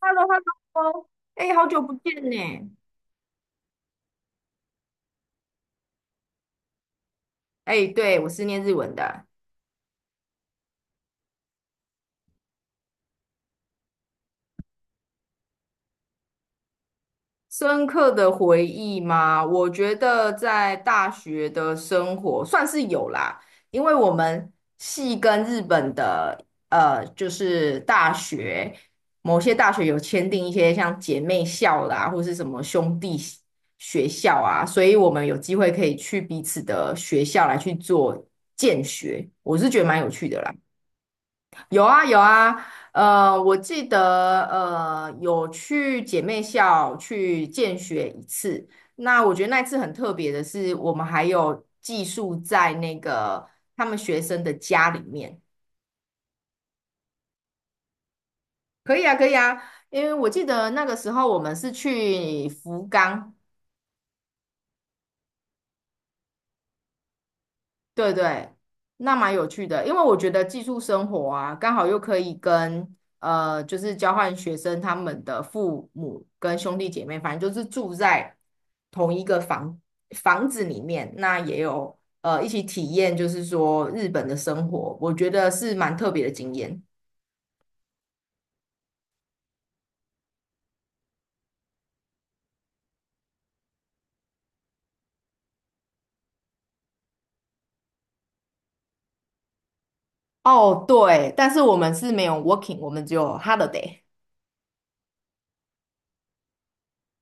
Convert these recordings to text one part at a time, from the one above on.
Hello,Hello,哎，好久不见呢！哎，对，我是念日文的。深刻的回忆吗？我觉得在大学的生活算是有啦，因为我们系跟日本的就是大学某些大学有签订一些像姐妹校啦，或是什么兄弟学校啊，所以我们有机会可以去彼此的学校来去做见学，我是觉得蛮有趣的啦。有啊有啊，我记得有去姐妹校去见学一次。那我觉得那次很特别的是，我们还有寄宿在那个他们学生的家里面。可以啊，可以啊，因为我记得那个时候我们是去福冈，对对，那蛮有趣的，因为我觉得寄宿生活啊，刚好又可以跟就是交换学生他们的父母跟兄弟姐妹，反正就是住在同一个房子里面，那也有一起体验，就是说日本的生活，我觉得是蛮特别的经验。哦，对，但是我们是没有 working，我们只有 holiday，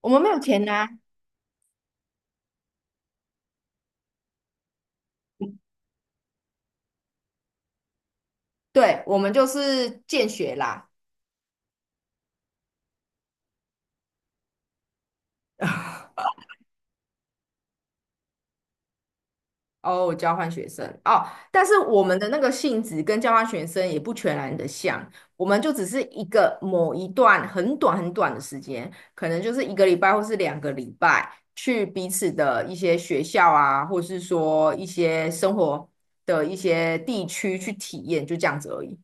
我们没有钱拿，对，我们就是见学啦。哦，交换学生哦，但是我们的那个性质跟交换学生也不全然的像，我们就只是一个某一段很短很短的时间，可能就是一个礼拜或是两个礼拜，去彼此的一些学校啊，或是说一些生活的一些地区去体验，就这样子而已。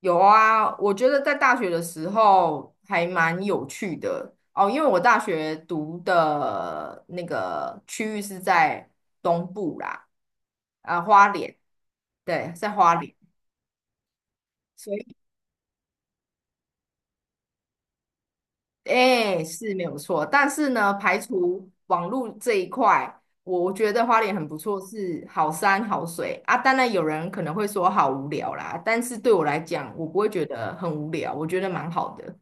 有啊，我觉得在大学的时候还蛮有趣的哦，因为我大学读的那个区域是在东部啦。啊，花莲，对，在花莲，所以哎是没有错。但是呢，排除网络这一块，我觉得花莲很不错，是好山好水啊。当然有人可能会说好无聊啦，但是对我来讲，我不会觉得很无聊，我觉得蛮好的。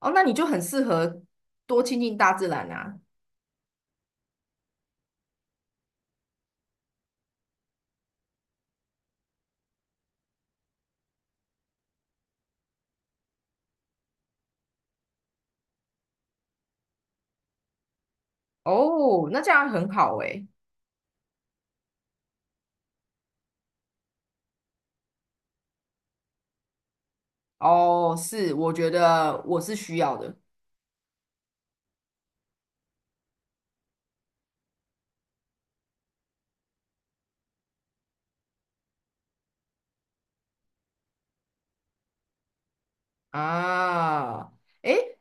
哦，那你就很适合多亲近大自然啊。哦，那这样很好诶。哦，是，我觉得我是需要的啊。诶，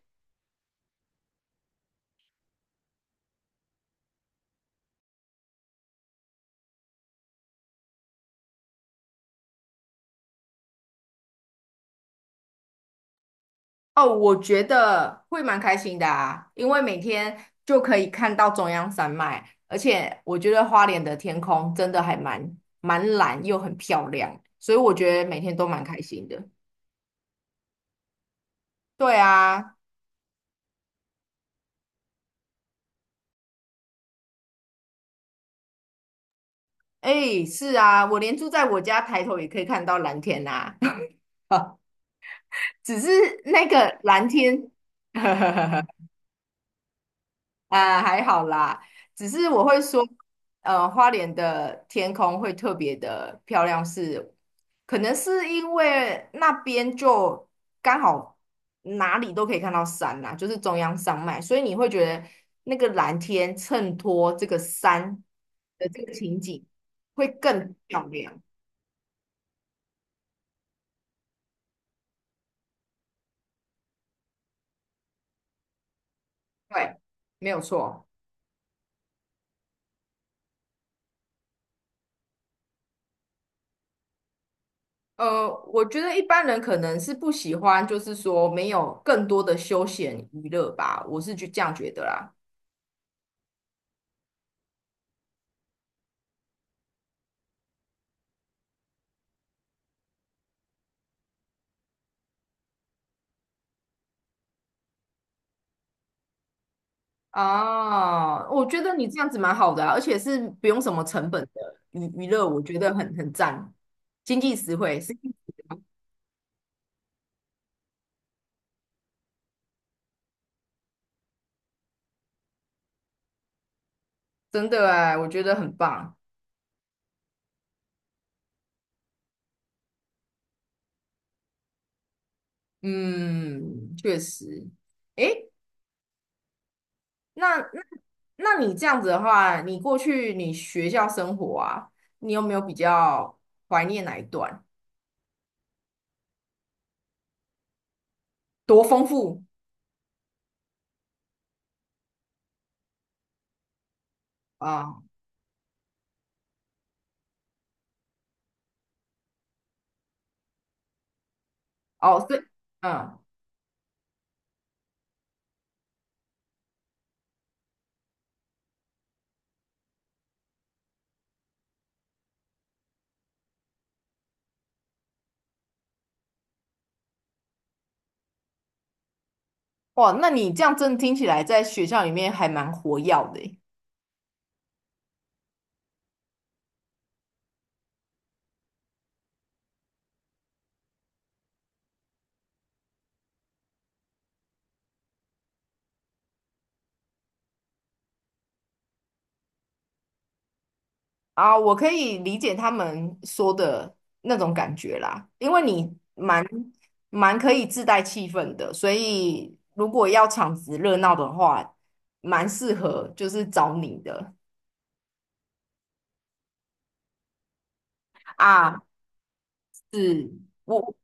哦，我觉得会蛮开心的啊，因为每天就可以看到中央山脉，而且我觉得花莲的天空真的还蛮蓝又很漂亮，所以我觉得每天都蛮开心的。对啊，哎，是啊，我连住在我家抬头也可以看到蓝天啊，只是那个蓝天，啊，还好啦，只是我会说，花莲的天空会特别的漂亮是，可能是因为那边就刚好哪里都可以看到山啦，就是中央山脉，所以你会觉得那个蓝天衬托这个山的这个情景会更漂亮。对，没有错。我觉得一般人可能是不喜欢，就是说没有更多的休闲娱乐吧，我是就这样觉得啦。哦，我觉得你这样子蛮好的啊，而且是不用什么成本的娱乐，我觉得很赞，经济实惠，是真的哎，我觉得很棒。嗯，确实。诶，那那那你这样子的话，你过去你学校生活啊，你有没有比较怀念哪一段？多丰富啊！哦，对，嗯，哇，那你这样真的听起来在学校里面还蛮活跃的诶。啊，我可以理解他们说的那种感觉啦，因为你蛮可以自带气氛的，所以如果要场子热闹的话，蛮适合就是找你的啊，是我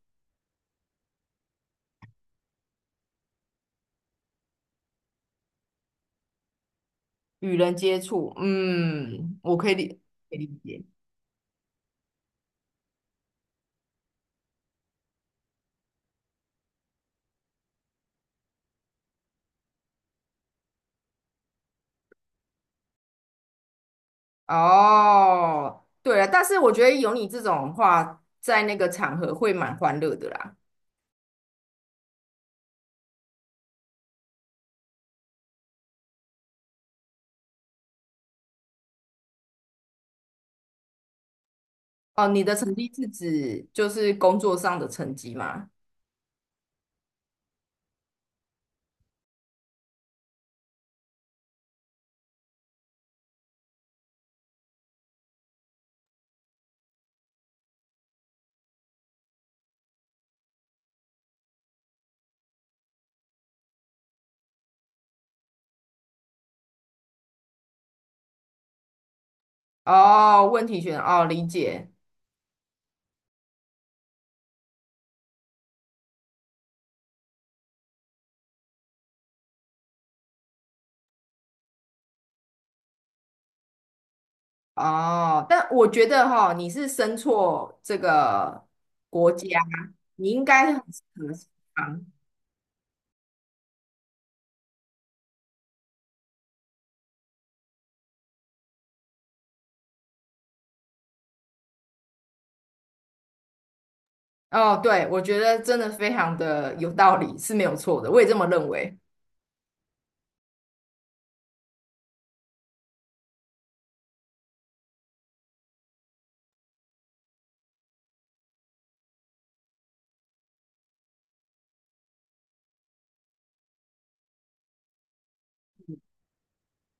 与人接触，嗯，我可以理解。哦，对了，但是我觉得有你这种话，在那个场合会蛮欢乐的啦。哦，你的成绩是指就是工作上的成绩吗？哦，问题选哦，理解哦，但我觉得哈、你是生错这个国家，你应该很适合西方。哦，对，我觉得真的非常的有道理，是没有错的，我也这么认为。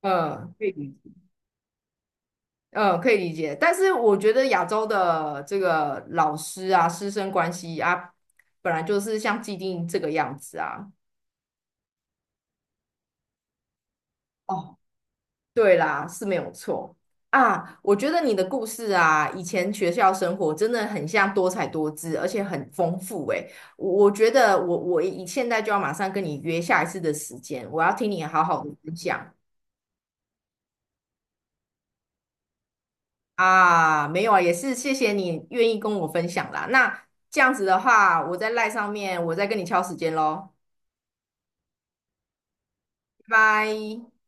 嗯，可以理解，嗯，可以理解。但是我觉得亚洲的这个老师啊，师生关系啊，本来就是像既定这个样子啊。哦对啦，是没有错啊。我觉得你的故事啊，以前学校生活真的很像多彩多姿，而且很丰富诶。我觉得我以现在就要马上跟你约下一次的时间，我要听你好好的分享啊。没有啊，也是谢谢你愿意跟我分享啦。那这样子的话，我在赖上面，我再跟你敲时间喽，拜拜。